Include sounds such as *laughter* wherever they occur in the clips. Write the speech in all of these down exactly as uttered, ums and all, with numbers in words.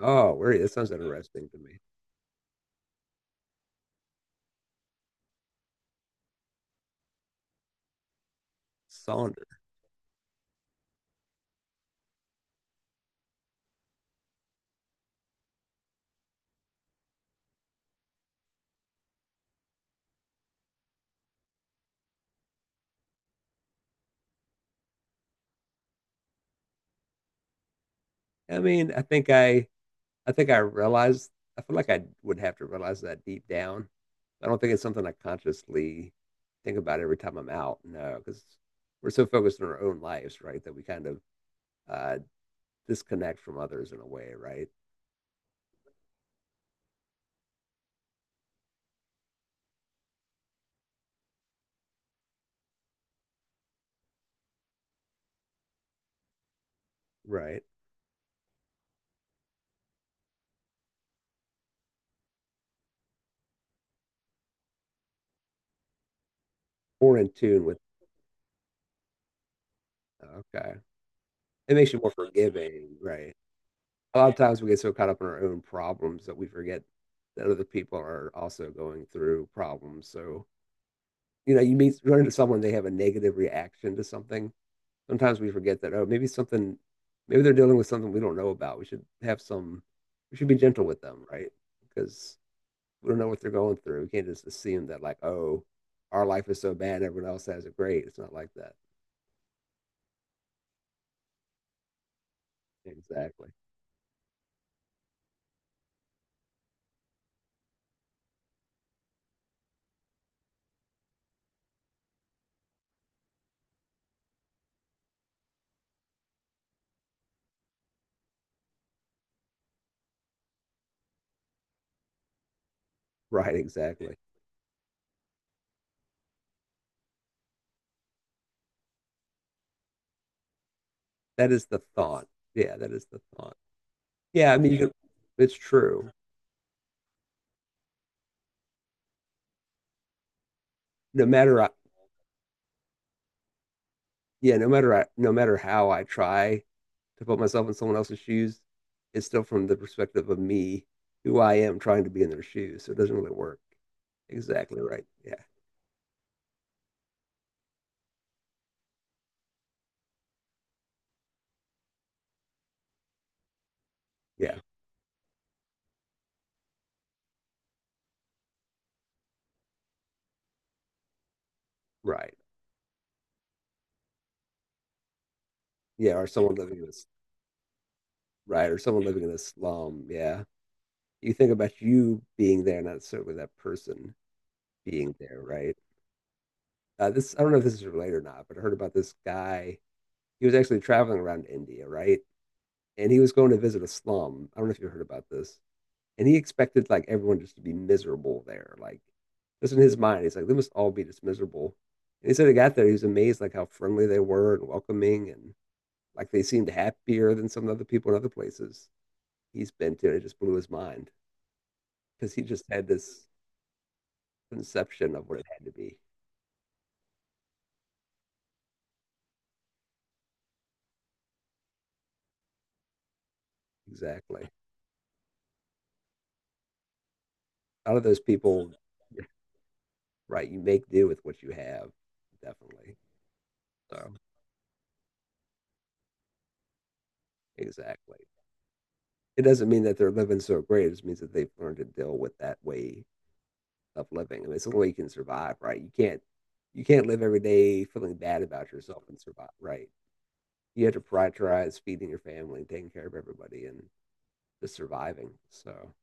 Oh, where that sounds interesting to me. Saunders. I mean, I think I, I think I realized. I feel like I would have to realize that deep down. I don't think it's something I consciously think about every time I'm out. No, because we're so focused on our own lives, right? That we kind of uh, disconnect from others in a way, right? Right. More in tune with. Okay, it makes you more forgiving, right? A lot of times we get so caught up in our own problems that we forget that other people are also going through problems. So you know, you meet run into someone, they have a negative reaction to something. Sometimes we forget that, oh, maybe something, maybe they're dealing with something we don't know about. We should have some, we should be gentle with them, right? Because we don't know what they're going through. We can't just assume that, like, oh, our life is so bad, everyone else has it great. It's not like that. Exactly. Right. Exactly. That is the thought. Yeah, that is the thought. Yeah, I mean, you can, it's true. No matter yeah, no matter no matter how I try to put myself in someone else's shoes, it's still from the perspective of me, who I am trying to be in their shoes. So it doesn't really work. Exactly right. Yeah. Yeah. Right. Yeah. Or someone living in this, right. Or someone living in a slum. Yeah. You think about you being there, not necessarily that person being there, right? Uh, this, I don't know if this is related or not, but I heard about this guy. He was actually traveling around India, right? And he was going to visit a slum. I don't know if you heard about this. And he expected like everyone just to be miserable there. Like this in his mind, he's like, they must all be just miserable. And he said he got there, he was amazed like how friendly they were and welcoming and like they seemed happier than some other people in other places he's been to. And it just blew his mind because he just had this conception of what it had to be. Exactly. Out of those people, yeah, right, you make do with what you have, definitely. So exactly. It doesn't mean that they're living so great. It just means that they've learned to deal with that way of living. I mean, it's the only way you can survive, right? You can't you can't live every day feeling bad about yourself and survive, right? You have to prioritize feeding your family, taking care of everybody, and just surviving. So,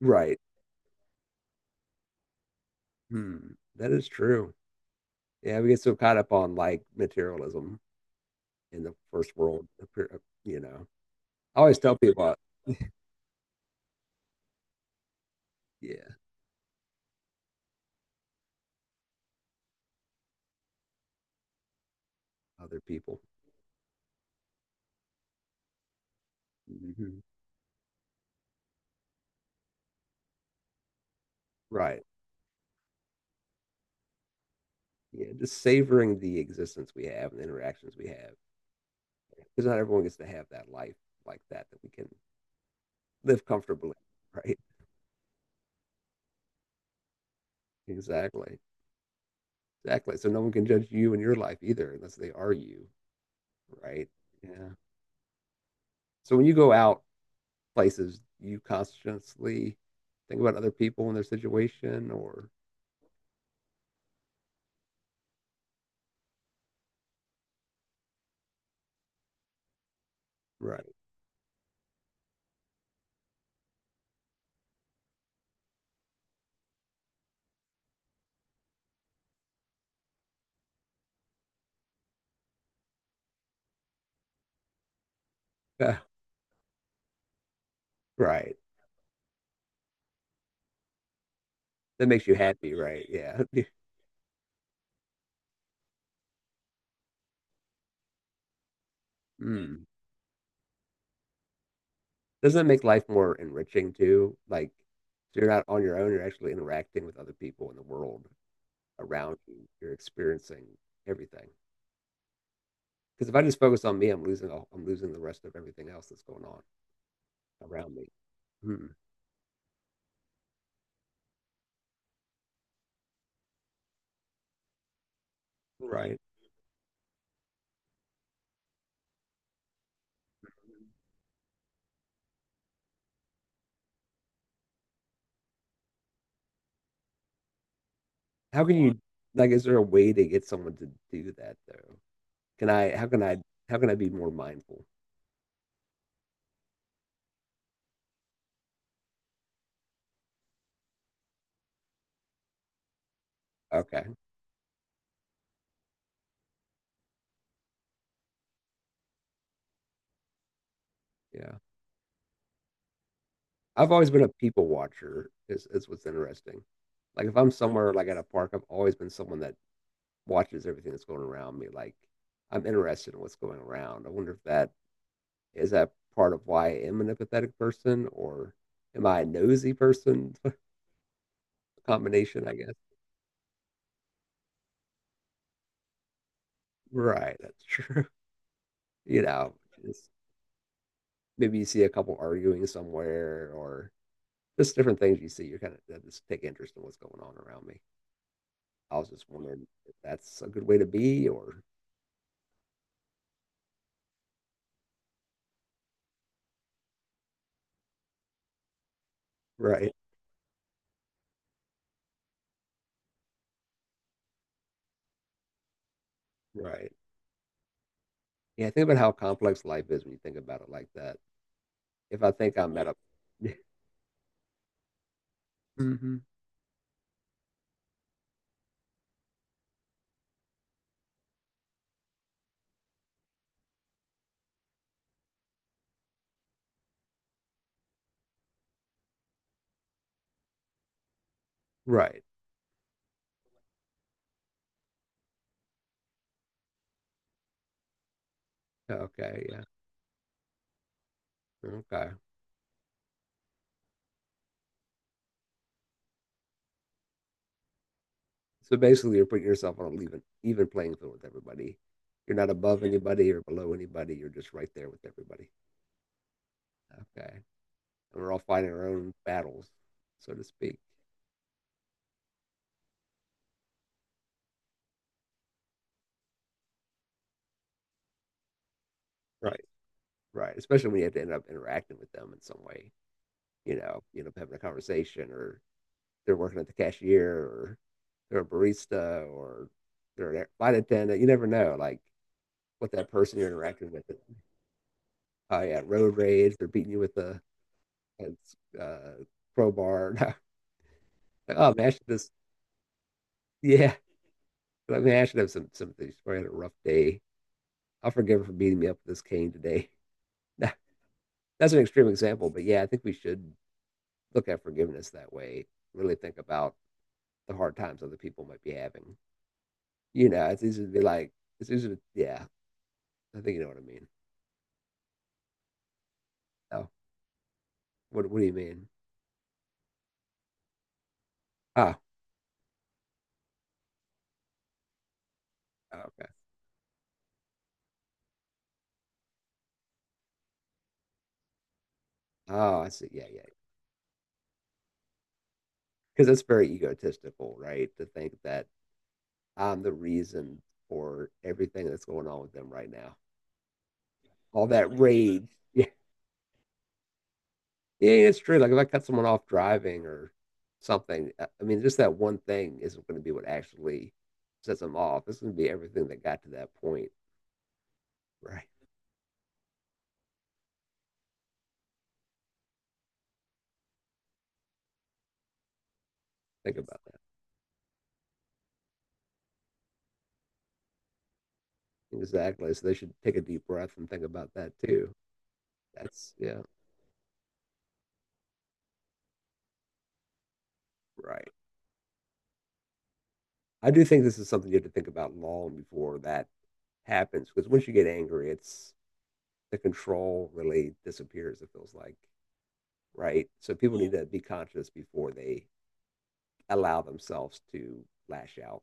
right, hmm, that is true. Yeah, we get so caught up on like materialism in the first world, you know. I always tell people, uh, yeah, other people, hmm, right? Yeah, just savoring the existence we have and the interactions we have, because not everyone gets to have that life like that that we can live comfortably, *laughs* right? Exactly. Exactly. So no one can judge you in your life either unless they are you, right? Yeah. So when you go out places, you consciously think about other people and their situation or right. *laughs* Yeah. Right. That makes you happy, right? Yeah. *laughs* Mm. Doesn't it make life more enriching too? Like so you're not on your own, you're actually interacting with other people in the world around you. You're experiencing everything. Because if I just focus on me, I'm losing all, I'm losing the rest of everything else that's going on around me. Hmm. Right. How can you like? Is there a way to get someone to do that though? Can I? How can I? How can I be more mindful? Okay. Yeah. I've always been a people watcher. Is is what's interesting. Like if I'm somewhere like at a park, I've always been someone that watches everything that's going around me. Like I'm interested in what's going around. I wonder if that is that part of why I am an empathetic person or am I a nosy person? Combination, I guess. Right, that's true. *laughs* You know, just maybe you see a couple arguing somewhere or just different things you see. You're kind of just take interest in what's going on around me. I was just wondering if that's a good way to be or right, right. Yeah, think about how complex life is when you think about it like that. If I think I'm at a *laughs* hmm, right, okay, yeah, okay. So basically, you're putting yourself on an even even playing field with everybody. You're not above anybody or below anybody. You're just right there with everybody. Okay. We're all fighting our own battles, so to speak. Right. Right. Especially when you have to end up interacting with them in some way. You know, you know, having a conversation, or they're working at the cashier, or they're a barista, or they're a flight attendant. You never know, like what that person you're interacting with. Oh yeah, road rage. They're beating you with a, a uh, crowbar. *laughs* Like, oh man, I should just yeah. I mean, I should have some sympathy. She's probably had a rough day. I'll forgive her for beating me up with this cane today. *laughs* That's an extreme example, but yeah, I think we should look at forgiveness that way. Really think about the hard times other people might be having. You know, it's easy to be like, it's easy to, yeah, I think you know what I mean. Oh, what, what do you mean? Ah, oh, okay. Oh, I see. Yeah, yeah. Because that's very egotistical, right? To think that I'm the reason for everything that's going on with them right now. All that rage. *laughs* Yeah. Yeah, yeah, it's true. Like if I cut someone off driving or something, I I mean, just that one thing isn't going to be what actually sets them off. It's going to be everything that got to that point, right? Think about that. Exactly. So they should take a deep breath and think about that too. That's, yeah, right. I do think this is something you have to think about long before that happens because once you get angry, it's the control really disappears, it feels like, right? So people Yeah. need to be conscious before they allow themselves to lash out.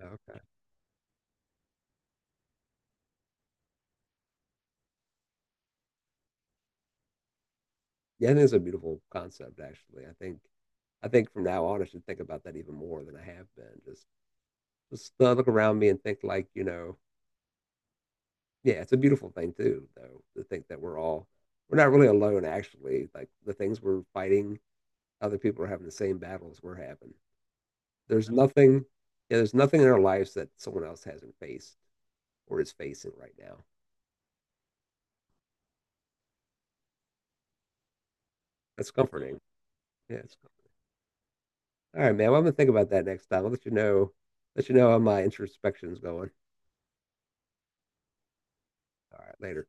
Okay. Yeah, I think it's a beautiful concept, actually. I think, I think from now on, I should think about that even more than I have been. Just, just uh, look around me and think like, you know, yeah, it's a beautiful thing too, though, to think that we're all, we're not really alone, actually. Like the things we're fighting, other people are having the same battles we're having. There's nothing, yeah, there's nothing in our lives that someone else hasn't faced or is facing right now. That's comforting. Yeah, it's, all right, man. Well, I'm gonna think about that next time. I'll let you know, let you know how my introspection's going. All right, later.